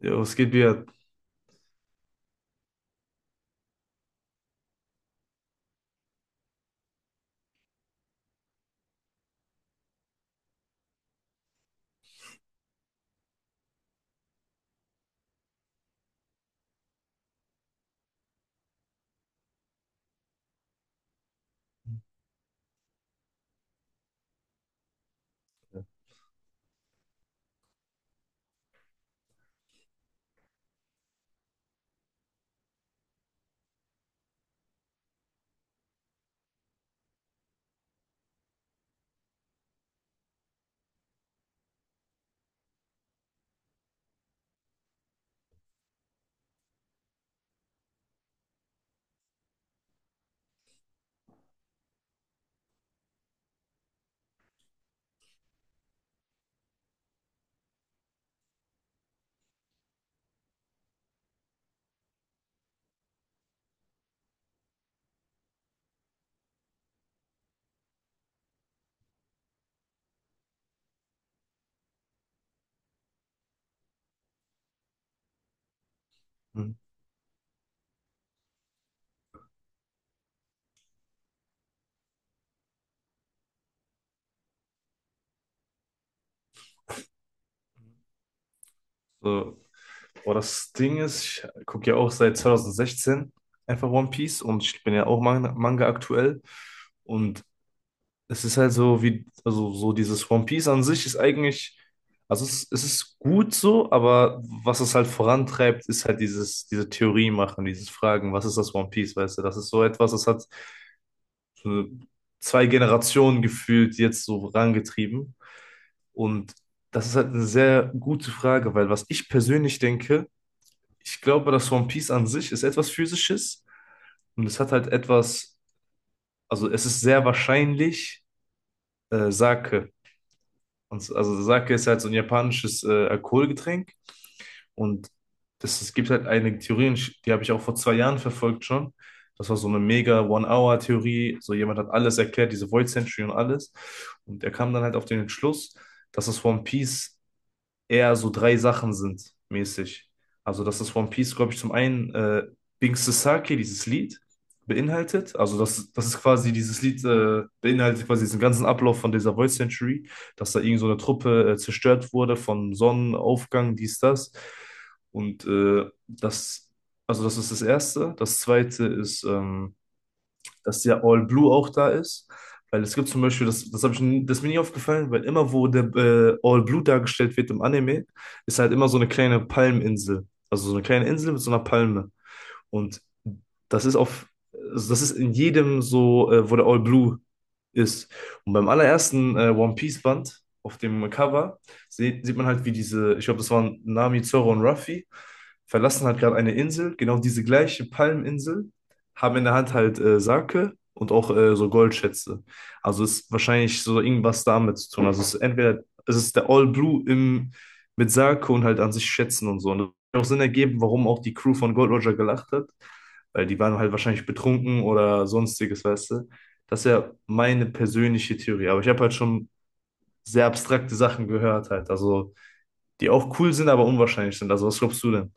Ja, es geht wieder. So. Boah, das Ding ist, ich gucke ja auch seit 2016 einfach One Piece, und ich bin ja auch Manga, aktuell. Und Es ist halt so wie, also so dieses One Piece an sich ist eigentlich, also es ist gut so, aber was es halt vorantreibt, ist halt diese Theorie machen, dieses Fragen, was ist das One Piece, weißt du? Das ist so etwas, das hat so zwei Generationen gefühlt jetzt so vorangetrieben. Und das ist halt eine sehr gute Frage, weil, was ich persönlich denke, ich glaube, das One Piece an sich ist etwas Physisches und es hat halt etwas, also es ist sehr wahrscheinlich Sake. Und also Sake ist halt so ein japanisches Alkoholgetränk, und das, es gibt halt eine Theorie, und die habe ich auch vor 2 Jahren verfolgt schon. Das war so eine mega One-Hour-Theorie. So, jemand hat alles erklärt, diese Void Century und alles. Und er kam dann halt auf den Entschluss, dass das One Piece eher so 3 Sachen sind, mäßig. Also, dass das One Piece, glaube ich, zum einen Bing Sasaki, dieses Lied, beinhaltet. Also, das ist quasi dieses Lied, beinhaltet quasi diesen ganzen Ablauf von dieser Void Century, dass da irgend so eine Truppe zerstört wurde von Sonnenaufgang, dies, das. Und also das ist das Erste. Das Zweite ist, dass der All Blue auch da ist. Weil, es gibt zum Beispiel, das, das, hab ich, n- das ist mir nie aufgefallen, weil immer, wo der All Blue dargestellt wird im Anime, ist halt immer so eine kleine Palminsel. Also so eine kleine Insel mit so einer Palme. Und das ist auf, also das ist in jedem so, wo der All Blue ist. Und beim allerersten One Piece Band auf dem Cover sieht man halt, wie diese, ich glaube, das waren Nami, Zoro und Ruffy, verlassen halt gerade eine Insel, genau diese gleiche Palminsel, haben in der Hand halt Sake und auch so Goldschätze. Also ist wahrscheinlich so irgendwas damit zu tun. Also es ist entweder, es ist der All Blue im, mit Sake und halt an sich Schätzen und so. Und auch Sinn ergeben, warum auch die Crew von Gold Roger gelacht hat, weil die waren halt wahrscheinlich betrunken oder sonstiges, weißt du. Das ist ja meine persönliche Theorie, aber ich habe halt schon sehr abstrakte Sachen gehört halt, also die auch cool sind, aber unwahrscheinlich sind. Also was glaubst du denn?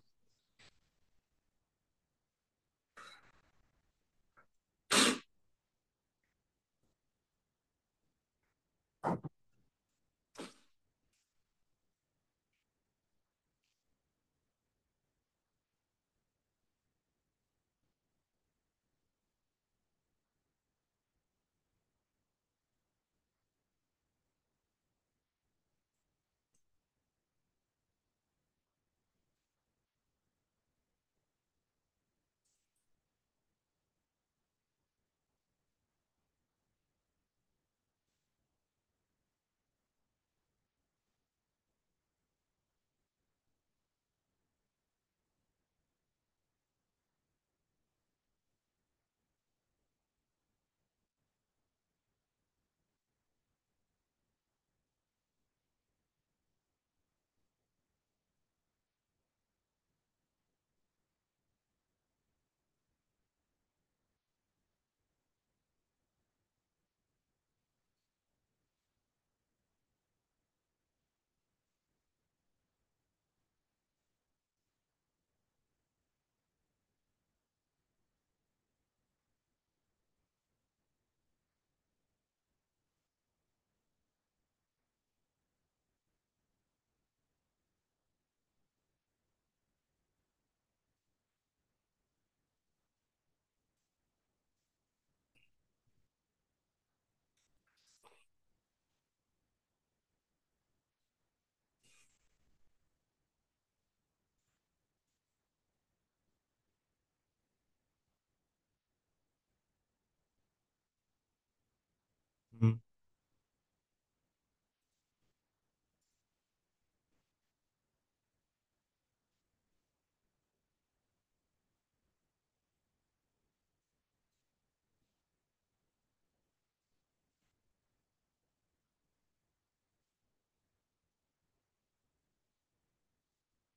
Mhm.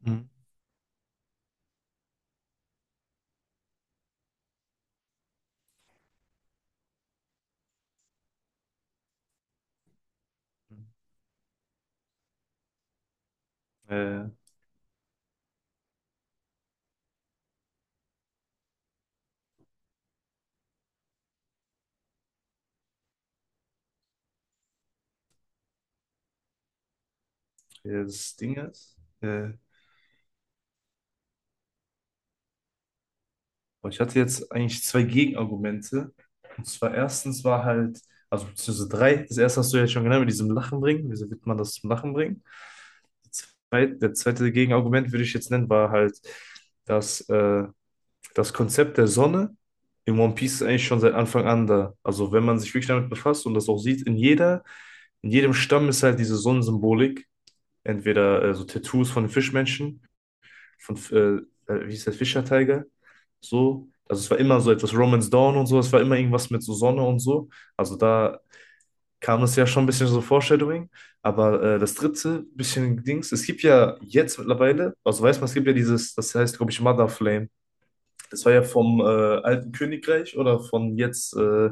Mhm. Äh, ja, das Ding ist, aber ich hatte jetzt eigentlich zwei Gegenargumente. Und zwar erstens war halt, also beziehungsweise drei, das erste hast du ja schon genannt, mit diesem Lachen bringen. Wieso wird man das zum Lachen bringen? Der zweite Gegenargument würde ich jetzt nennen, war halt, dass das Konzept der Sonne in One Piece ist eigentlich schon seit Anfang an da. Also wenn man sich wirklich damit befasst und das auch sieht, in jedem Stamm ist halt diese Sonnensymbolik, entweder so Tattoos von den Fischmenschen von, wie hieß der, Fischer Tiger, so. Also es war immer so etwas Romance Dawn und so, es war immer irgendwas mit so Sonne und so. Also da kam es ja schon ein bisschen so Foreshadowing. Aber das dritte bisschen Dings, es gibt ja jetzt mittlerweile, also weiß man, es gibt ja dieses, das heißt, glaube ich, Mother Flame. Das war ja vom alten Königreich oder von jetzt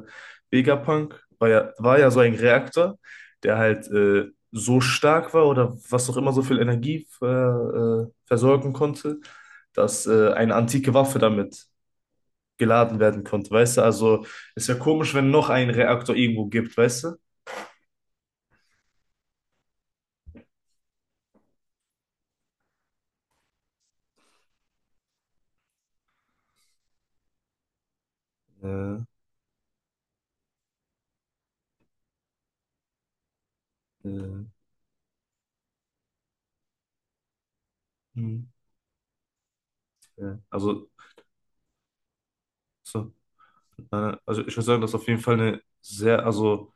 Vegapunk. War ja so ein Reaktor, der halt so stark war oder was auch immer so viel Energie versorgen konnte, dass eine antike Waffe damit geladen werden konnte. Weißt du, also ist ja komisch, wenn noch ein Reaktor irgendwo gibt, weißt du? Äh, äh, hm, ja. Also, so, also ich würde sagen, das ist auf jeden Fall eine sehr, also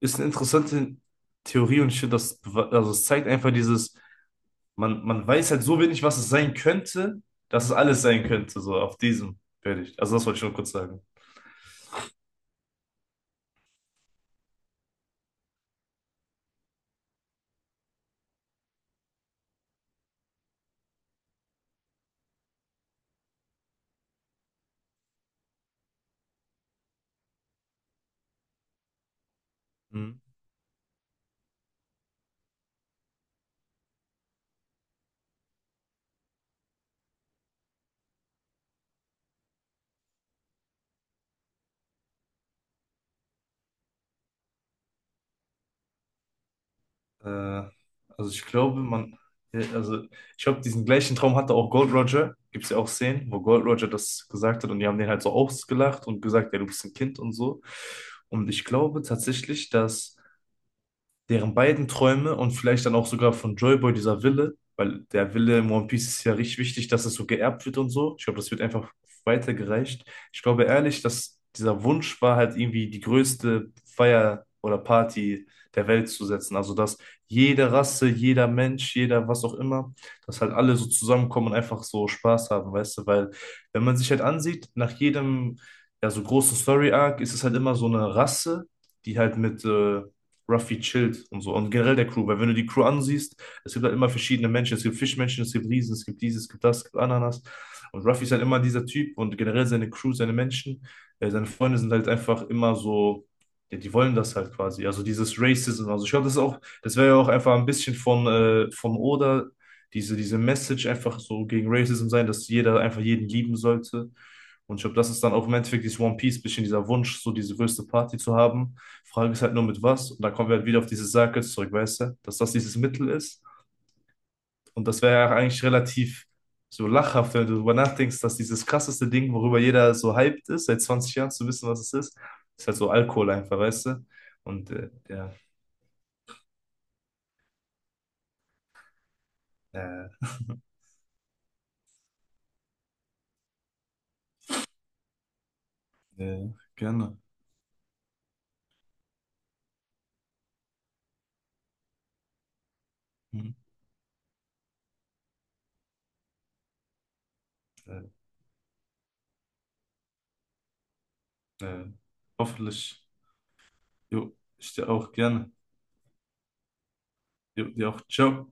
ist eine interessante Theorie, und ich finde, also es zeigt einfach dieses, man weiß halt so wenig, was es sein könnte, dass es alles sein könnte, so auf diesem fertig. Also das wollte ich nur kurz sagen. Mhm. Äh, also ich glaube, ja, also ich glaube, diesen gleichen Traum hatte auch Gold Roger. Gibt es ja auch Szenen, wo Gold Roger das gesagt hat und die haben den halt so ausgelacht und gesagt, ja, du bist ein Kind und so. Und ich glaube tatsächlich, dass deren beiden Träume und vielleicht dann auch sogar von Joyboy dieser Wille, weil der Wille im One Piece ist ja richtig wichtig, dass es so geerbt wird und so. Ich glaube, das wird einfach weitergereicht. Ich glaube ehrlich, dass dieser Wunsch war halt irgendwie die größte Feier oder Party der Welt zu setzen. Also, dass jede Rasse, jeder Mensch, jeder was auch immer, dass halt alle so zusammenkommen und einfach so Spaß haben, weißt du? Weil, wenn man sich halt ansieht, ja, so großen Story-Arc ist es halt immer so eine Rasse, die halt mit Ruffy chillt und so. Und generell der Crew, weil wenn du die Crew ansiehst, es gibt halt immer verschiedene Menschen. Es gibt Fischmenschen, es gibt Riesen, es gibt dieses, es gibt das, es gibt Ananas. Und Ruffy ist halt immer dieser Typ und generell seine Menschen, seine Freunde sind halt einfach immer so, ja, die wollen das halt quasi. Also dieses Racism. Also ich glaube, das ist auch, das wäre ja auch einfach ein bisschen von Oda, diese Message einfach so gegen Racism sein, dass jeder einfach jeden lieben sollte. Und ich glaube, das ist dann auch im Endeffekt dieses One Piece, bisschen dieser Wunsch, so diese größte Party zu haben. Frage ist halt nur mit was. Und da kommen wir halt wieder auf dieses Circus zurück, weißt du? Dass das dieses Mittel ist. Und das wäre ja eigentlich relativ so lachhaft, wenn du darüber nachdenkst, dass dieses krasseste Ding, worüber jeder so hyped ist, seit 20 Jahren zu wissen, was es ist, ist halt so Alkohol einfach, weißt du? Und ja, äh, äh, gerne. Hm. Äh, äh, hoffentlich. Jo, ich dir auch gerne. Jo, dir auch. Ciao.